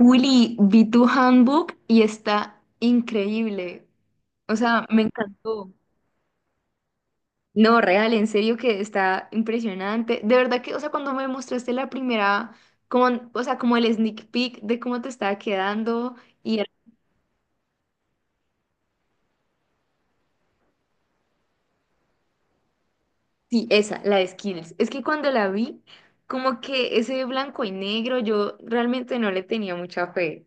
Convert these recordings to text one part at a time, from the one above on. Willy, vi tu handbook y está increíble. O sea, me encantó. No, real, en serio que está impresionante. De verdad que, o sea, cuando me mostraste la primera, como, o sea, como el sneak peek de cómo te estaba quedando y era- sí, esa, la de Skills. Es que cuando la vi, como que ese blanco y negro, yo realmente no le tenía mucha fe.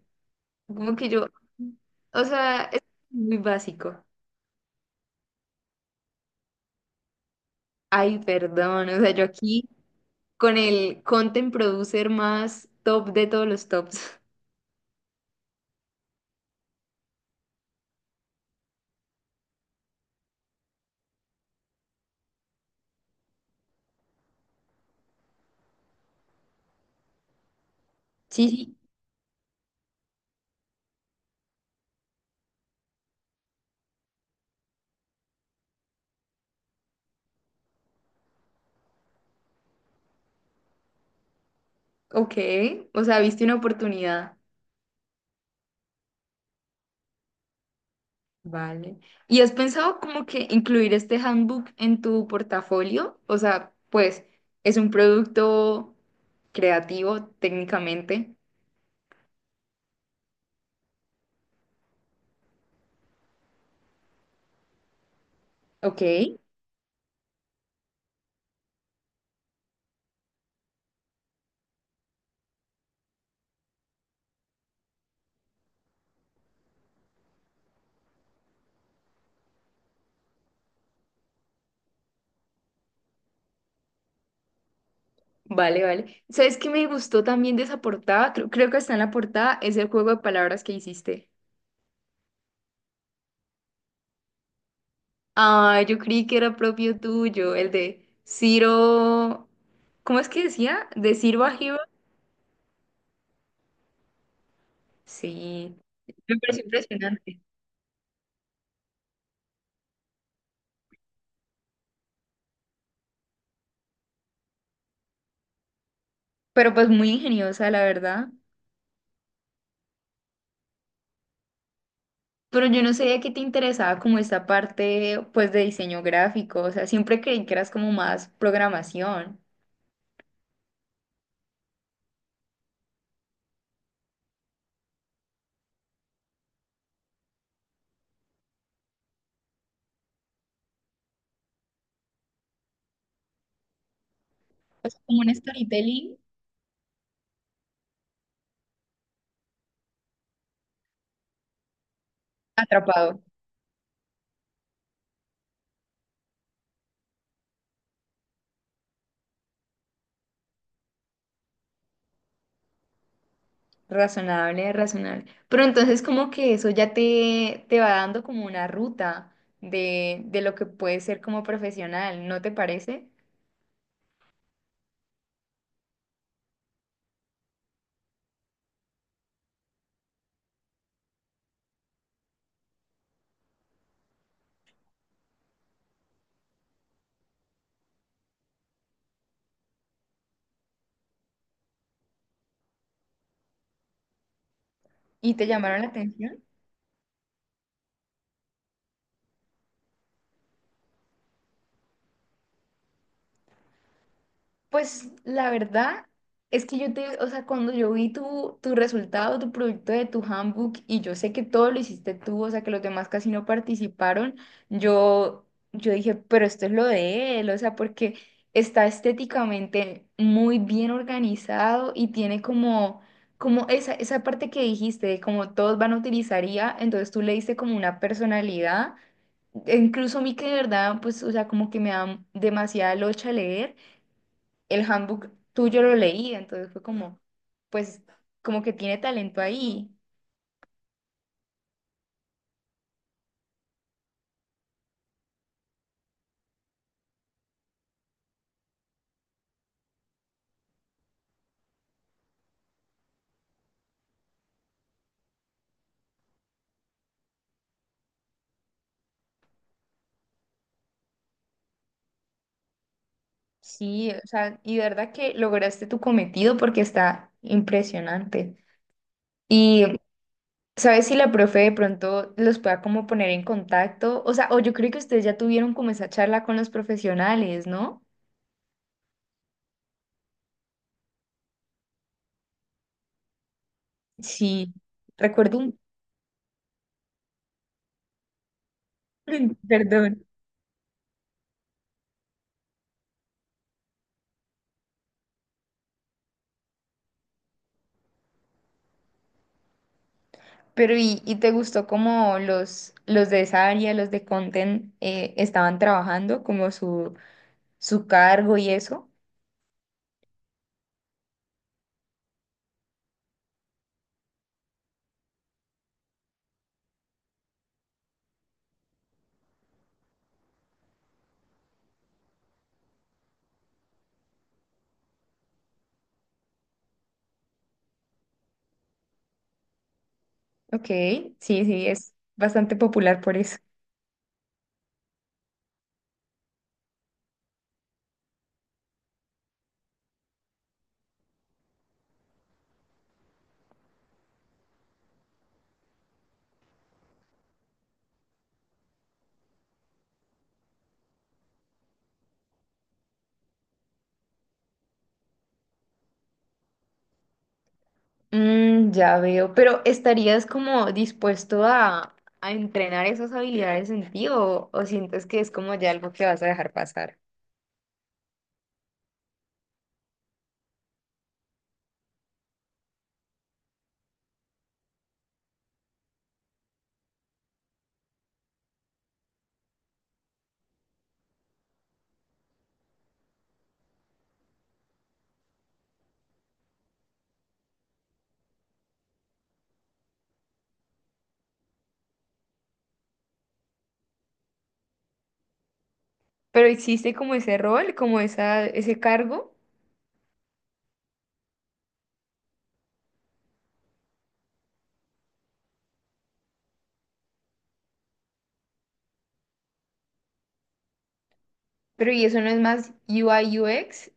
Como que yo, o sea, es muy básico. Ay, perdón, o sea, yo aquí con el content producer más top de todos los tops. Sí, sí. Ok, o sea, viste una oportunidad. Vale. ¿Y has pensado como que incluir este handbook en tu portafolio? O sea, pues es un producto creativo técnicamente. Ok. Vale, vale. ¿Sabes qué me gustó también de esa portada? Creo que está en la portada, es el juego de palabras que hiciste. Ah, yo creí que era propio tuyo, el de Ciro. ¿Cómo es que decía? ¿De Ciro a Hero? Sí, me pareció impresionante. Pero pues muy ingeniosa, la verdad. Pero yo no sabía que te interesaba como esta parte pues de diseño gráfico. O sea, siempre creí que eras como más programación. O sea, como un storytelling atrapado. Razonable, razonable. Pero entonces como que eso ya te va dando como una ruta de lo que puedes ser como profesional, ¿no te parece? ¿Y te llamaron la atención? Pues la verdad es que yo te, o sea, cuando yo vi tu, resultado, tu proyecto de tu handbook, y yo sé que todo lo hiciste tú, o sea, que los demás casi no participaron, yo, yo dije, pero esto es lo de él, o sea, porque está estéticamente muy bien organizado y tiene como esa, esa parte que dijiste, de como todos van a utilizar IA, entonces tú le diste como una personalidad. E incluso a mí que de verdad, pues, o sea, como que me da demasiada locha leer, el handbook tuyo lo leí, entonces fue como, pues, como que tiene talento ahí. Sí, o sea, y de verdad que lograste tu cometido porque está impresionante. Y sabes si la profe de pronto los pueda como poner en contacto, o sea, o yo creo que ustedes ya tuvieron como esa charla con los profesionales, ¿no? Sí, recuerdo un, perdón. Pero y te gustó cómo los de esa área, los de content, estaban trabajando, como su cargo y eso. Ok, sí, sí, es bastante popular por eso. Mm, ya veo, pero ¿estarías como dispuesto a entrenar esas habilidades en ti o sientes que es como ya algo que vas a dejar pasar? Pero existe como ese rol, como esa, ese cargo, pero y eso no es más UI UX,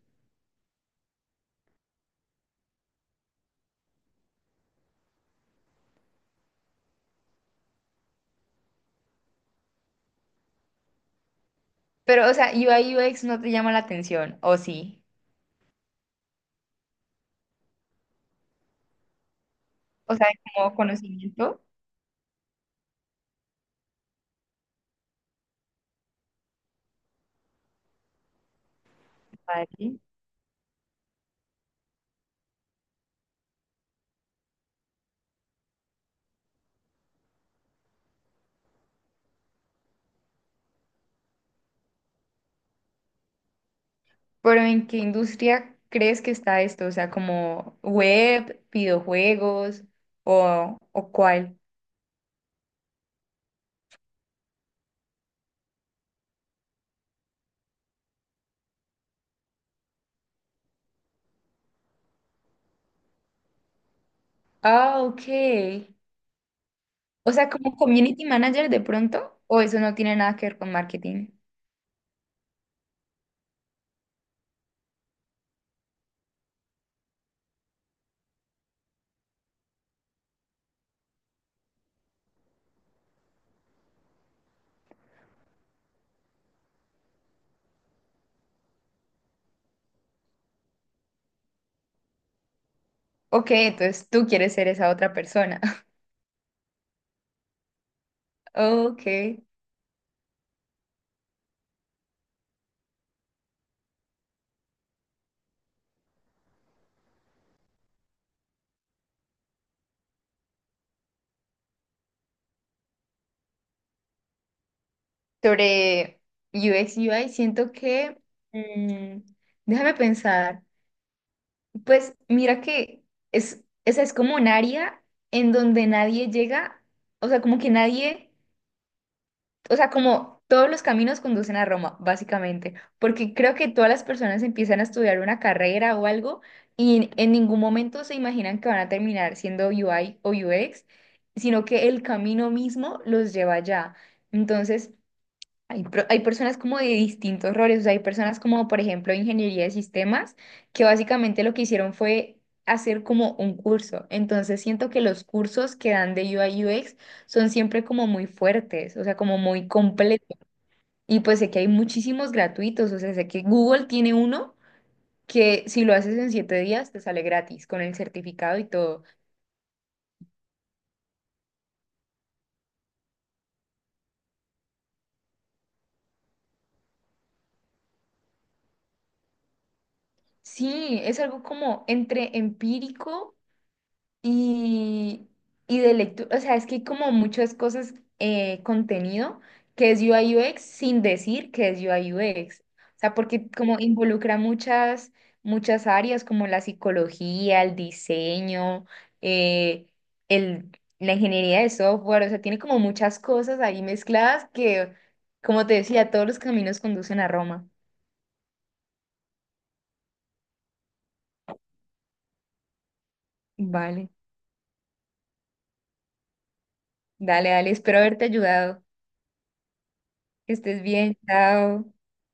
pero o sea, UI UX no te llama la atención, ¿o sí? O sea, como conocimiento. Vale. Pero ¿en qué industria crees que está esto? O sea, como web, videojuegos o cuál. Ah, ok. O sea, como community manager de pronto, o eso no tiene nada que ver con marketing. Ok, entonces tú quieres ser esa otra persona. Ok. Sobre U X U I siento que, mm, déjame pensar, pues mira que esa es como un área en donde nadie llega, o sea, como que nadie, o sea, como todos los caminos conducen a Roma, básicamente, porque creo que todas las personas empiezan a estudiar una carrera o algo y en ningún momento se imaginan que van a terminar siendo UI o UX, sino que el camino mismo los lleva allá. Entonces, hay personas como de distintos roles, o sea, hay personas como, por ejemplo, ingeniería de sistemas, que básicamente lo que hicieron fue hacer como un curso. Entonces siento que los cursos que dan de UI UX son siempre como muy fuertes, o sea, como muy completos. Y pues sé que hay muchísimos gratuitos, o sea, sé que Google tiene uno que si lo haces en 7 días te sale gratis con el certificado y todo. Sí, es algo como entre empírico Y, y de lectura. O sea, es que hay como muchas cosas, contenido que es U I U X, sin decir que es U I U X. O sea, porque como involucra muchas, muchas áreas como la psicología, el diseño, eh, el, la ingeniería de software, o sea, tiene como muchas cosas ahí mezcladas que, como te decía, todos los caminos conducen a Roma. Vale. Dale, dale, espero haberte ayudado. Que estés bien, chao.